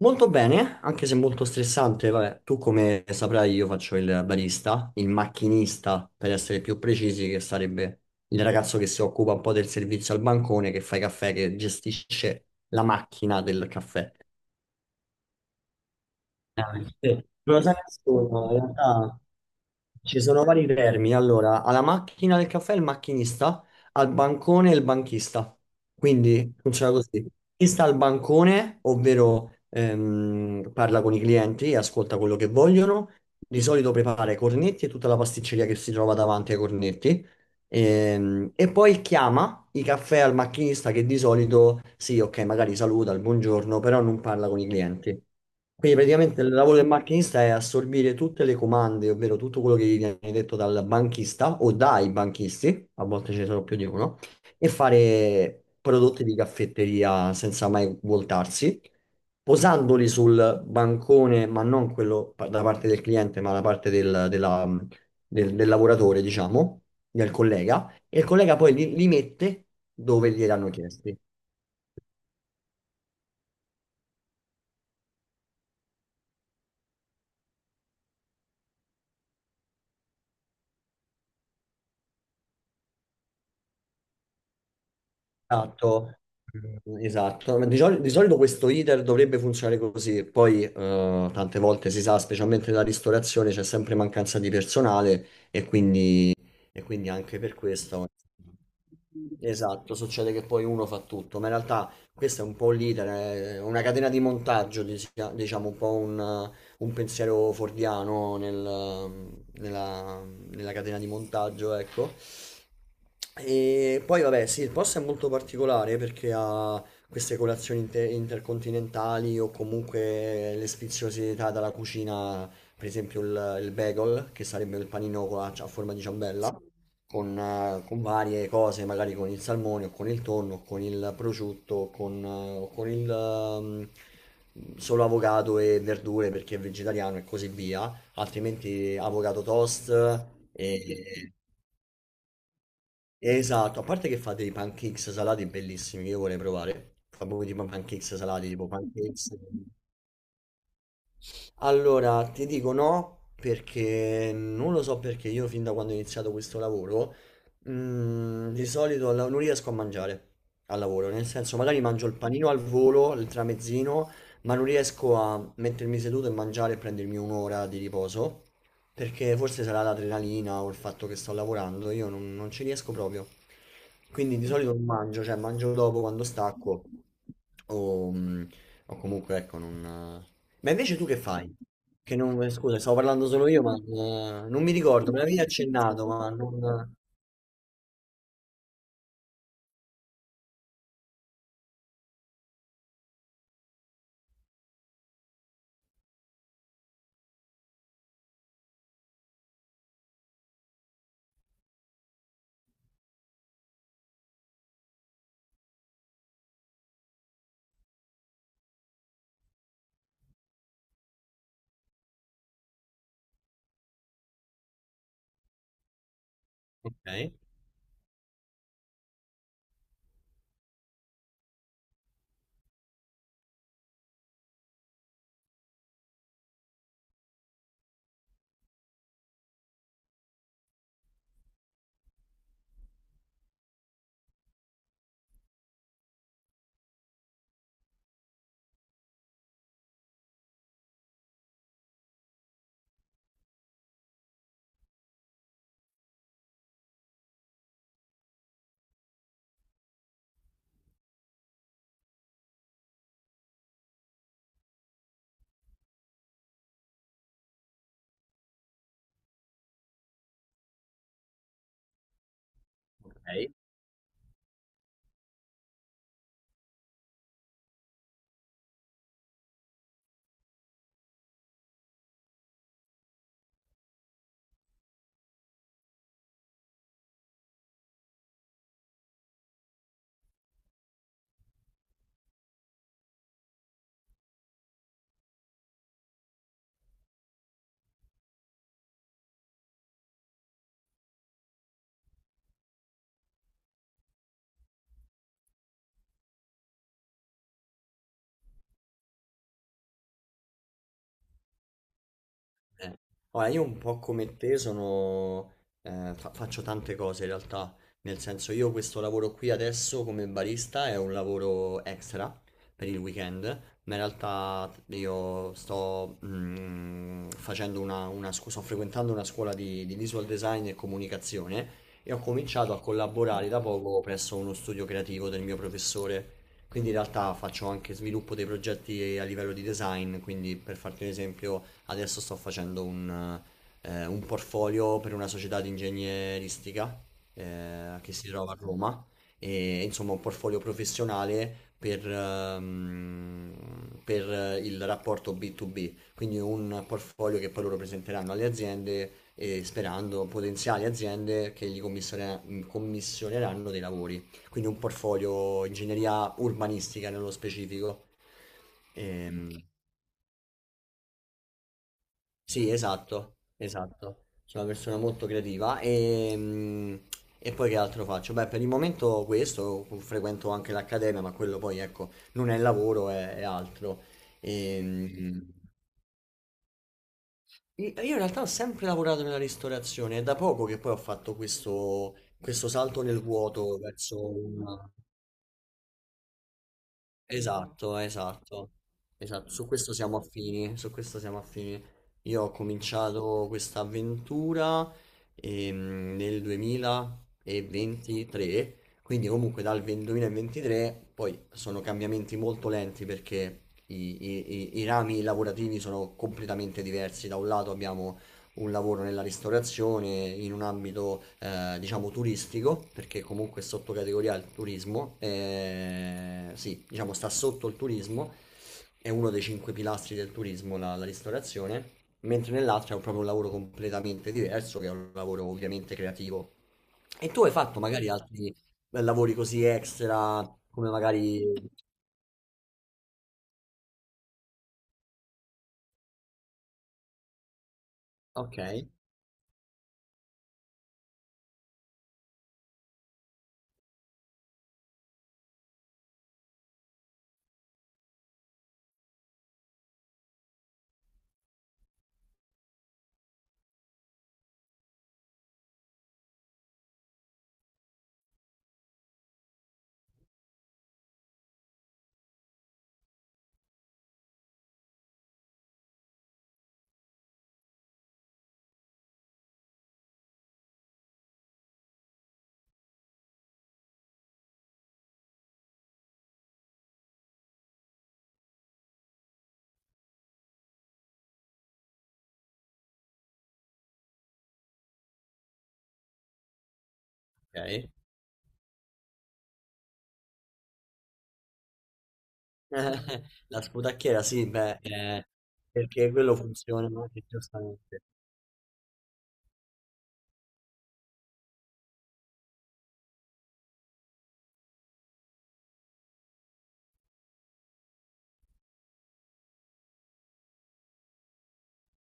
Molto bene, anche se molto stressante. Vabbè, tu come saprai, io faccio il barista, il macchinista per essere più precisi, che sarebbe il ragazzo che si occupa un po' del servizio al bancone, che fa i caffè, che gestisce la macchina del caffè. Ah, sì. Non lo sa nessuno, in realtà ci sono vari vermi. Allora, alla macchina del caffè il macchinista, al bancone il banchista. Quindi funziona così. Chi sta al bancone, ovvero parla con i clienti e ascolta quello che vogliono, di solito prepara i cornetti e tutta la pasticceria che si trova davanti ai cornetti. E poi chiama i caffè al macchinista che di solito, sì, ok, magari saluta il buongiorno, però non parla con i clienti. Quindi praticamente il lavoro del macchinista è assorbire tutte le comande, ovvero tutto quello che gli viene detto dal banchista o dai banchisti, a volte ce ne sono più di uno, e fare prodotti di caffetteria senza mai voltarsi, posandoli sul bancone, ma non quello da parte del cliente, ma da parte del lavoratore, diciamo, del collega, e il collega poi li mette dove gliel'hanno chiesti. Esatto. Mm, esatto. Ma di solito questo iter dovrebbe funzionare così, poi tante volte si sa, specialmente nella ristorazione, c'è sempre mancanza di personale e quindi anche per questo. Esatto, succede che poi uno fa tutto, ma in realtà questo è un po' l'iter, è una catena di montaggio, diciamo un po' un pensiero fordiano nella, nella catena di montaggio, ecco. E poi vabbè, sì, il posto è molto particolare perché ha queste colazioni intercontinentali o comunque le sfiziosità dalla cucina, per esempio il bagel, che sarebbe il panino con a forma di ciambella con varie cose, magari con il salmone o con il tonno, o con il prosciutto, o con il solo avocado e verdure perché è vegetariano e così via, altrimenti avocado toast e- Esatto, a parte che fate i pancakes salati bellissimi che io vorrei provare, fa proprio tipo pancakes salati, tipo pancakes. Allora, ti dico no, perché non lo so perché io fin da quando ho iniziato questo lavoro, di solito non riesco a mangiare al lavoro, nel senso magari mangio il panino al volo, il tramezzino, ma non riesco a mettermi seduto e mangiare e prendermi un'ora di riposo, perché forse sarà l'adrenalina o il fatto che sto lavorando, io non ci riesco proprio. Quindi di solito non mangio, cioè mangio dopo quando stacco o, o comunque ecco non. Ma invece tu che fai? Che non, scusa, stavo parlando solo io, ma non mi ricordo, me l'avevi accennato, ma non. Ok, ok. Eh, Ora, io un po' come te sono, faccio tante cose in realtà, nel senso io questo lavoro qui adesso come barista è un lavoro extra per il weekend, ma in realtà io sto, mm, facendo una scu- sto frequentando una scuola di visual design e comunicazione e ho cominciato a collaborare da poco presso uno studio creativo del mio professore. Quindi in realtà faccio anche sviluppo dei progetti a livello di design, quindi per farti un esempio. Adesso sto facendo un portfolio per una società di ingegneristica che si trova a Roma e insomma un portfolio professionale per, il rapporto B2B, quindi un portfolio che poi loro presenteranno alle aziende e sperando potenziali aziende che gli commissioneranno dei lavori, quindi un portfolio ingegneria urbanistica nello specifico. Ehm, sì, esatto, esatto. Sono una persona molto creativa e, e poi che altro faccio? Beh, per il momento questo, frequento anche l'accademia, ma quello poi, ecco, non è lavoro, è altro. E, mm, io in realtà ho sempre lavorato nella ristorazione, è da poco che poi ho fatto questo salto nel vuoto verso una. Esatto, esatto, esatto, su questo siamo affini, su questo siamo affini. Io ho cominciato questa avventura nel 2023, quindi comunque dal 20 2023 poi sono cambiamenti molto lenti perché i, i rami lavorativi sono completamente diversi. Da un lato abbiamo un lavoro nella ristorazione in un ambito diciamo turistico, perché comunque è sottocategoria al turismo, sì, diciamo sta sotto il turismo, è uno dei cinque pilastri del turismo la ristorazione, mentre nell'altra è proprio un lavoro completamente diverso, che è un lavoro ovviamente creativo. E tu hai fatto magari altri lavori così extra, come magari. Ok, ok. Eh, La sputacchiera, sì, beh, perché quello funziona anche giustamente.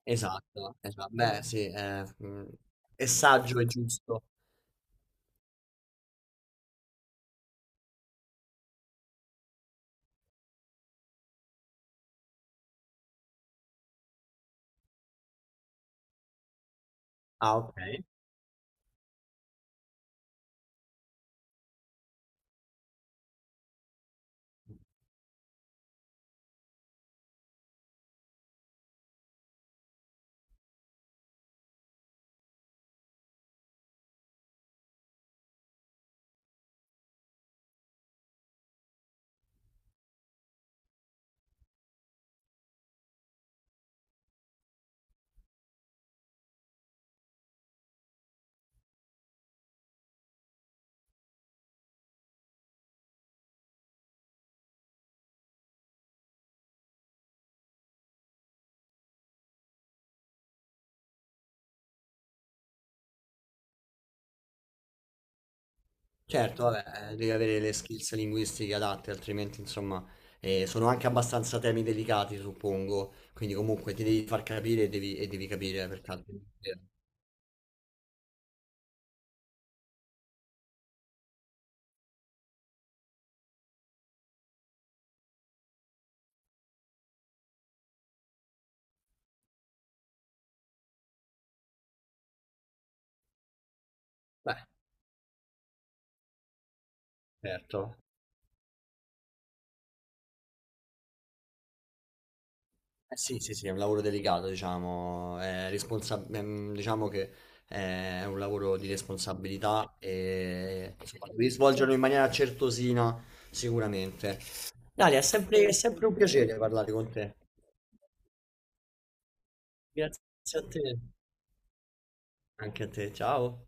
Esatto, esatto. Beh, sì, è saggio e giusto. Ah, ok. Certo, vabbè, devi avere le skills linguistiche adatte, altrimenti, insomma, sono anche abbastanza temi delicati, suppongo. Quindi comunque ti devi far capire e devi, capire, perché altrimenti. Beh, certo. Eh sì, sì, sì, è un lavoro delicato, diciamo, diciamo che è un lavoro di responsabilità e insomma, devi svolgerlo in maniera certosina, sicuramente. Dalia, è sempre un piacere parlare con te. Grazie a te. Anche a te, ciao.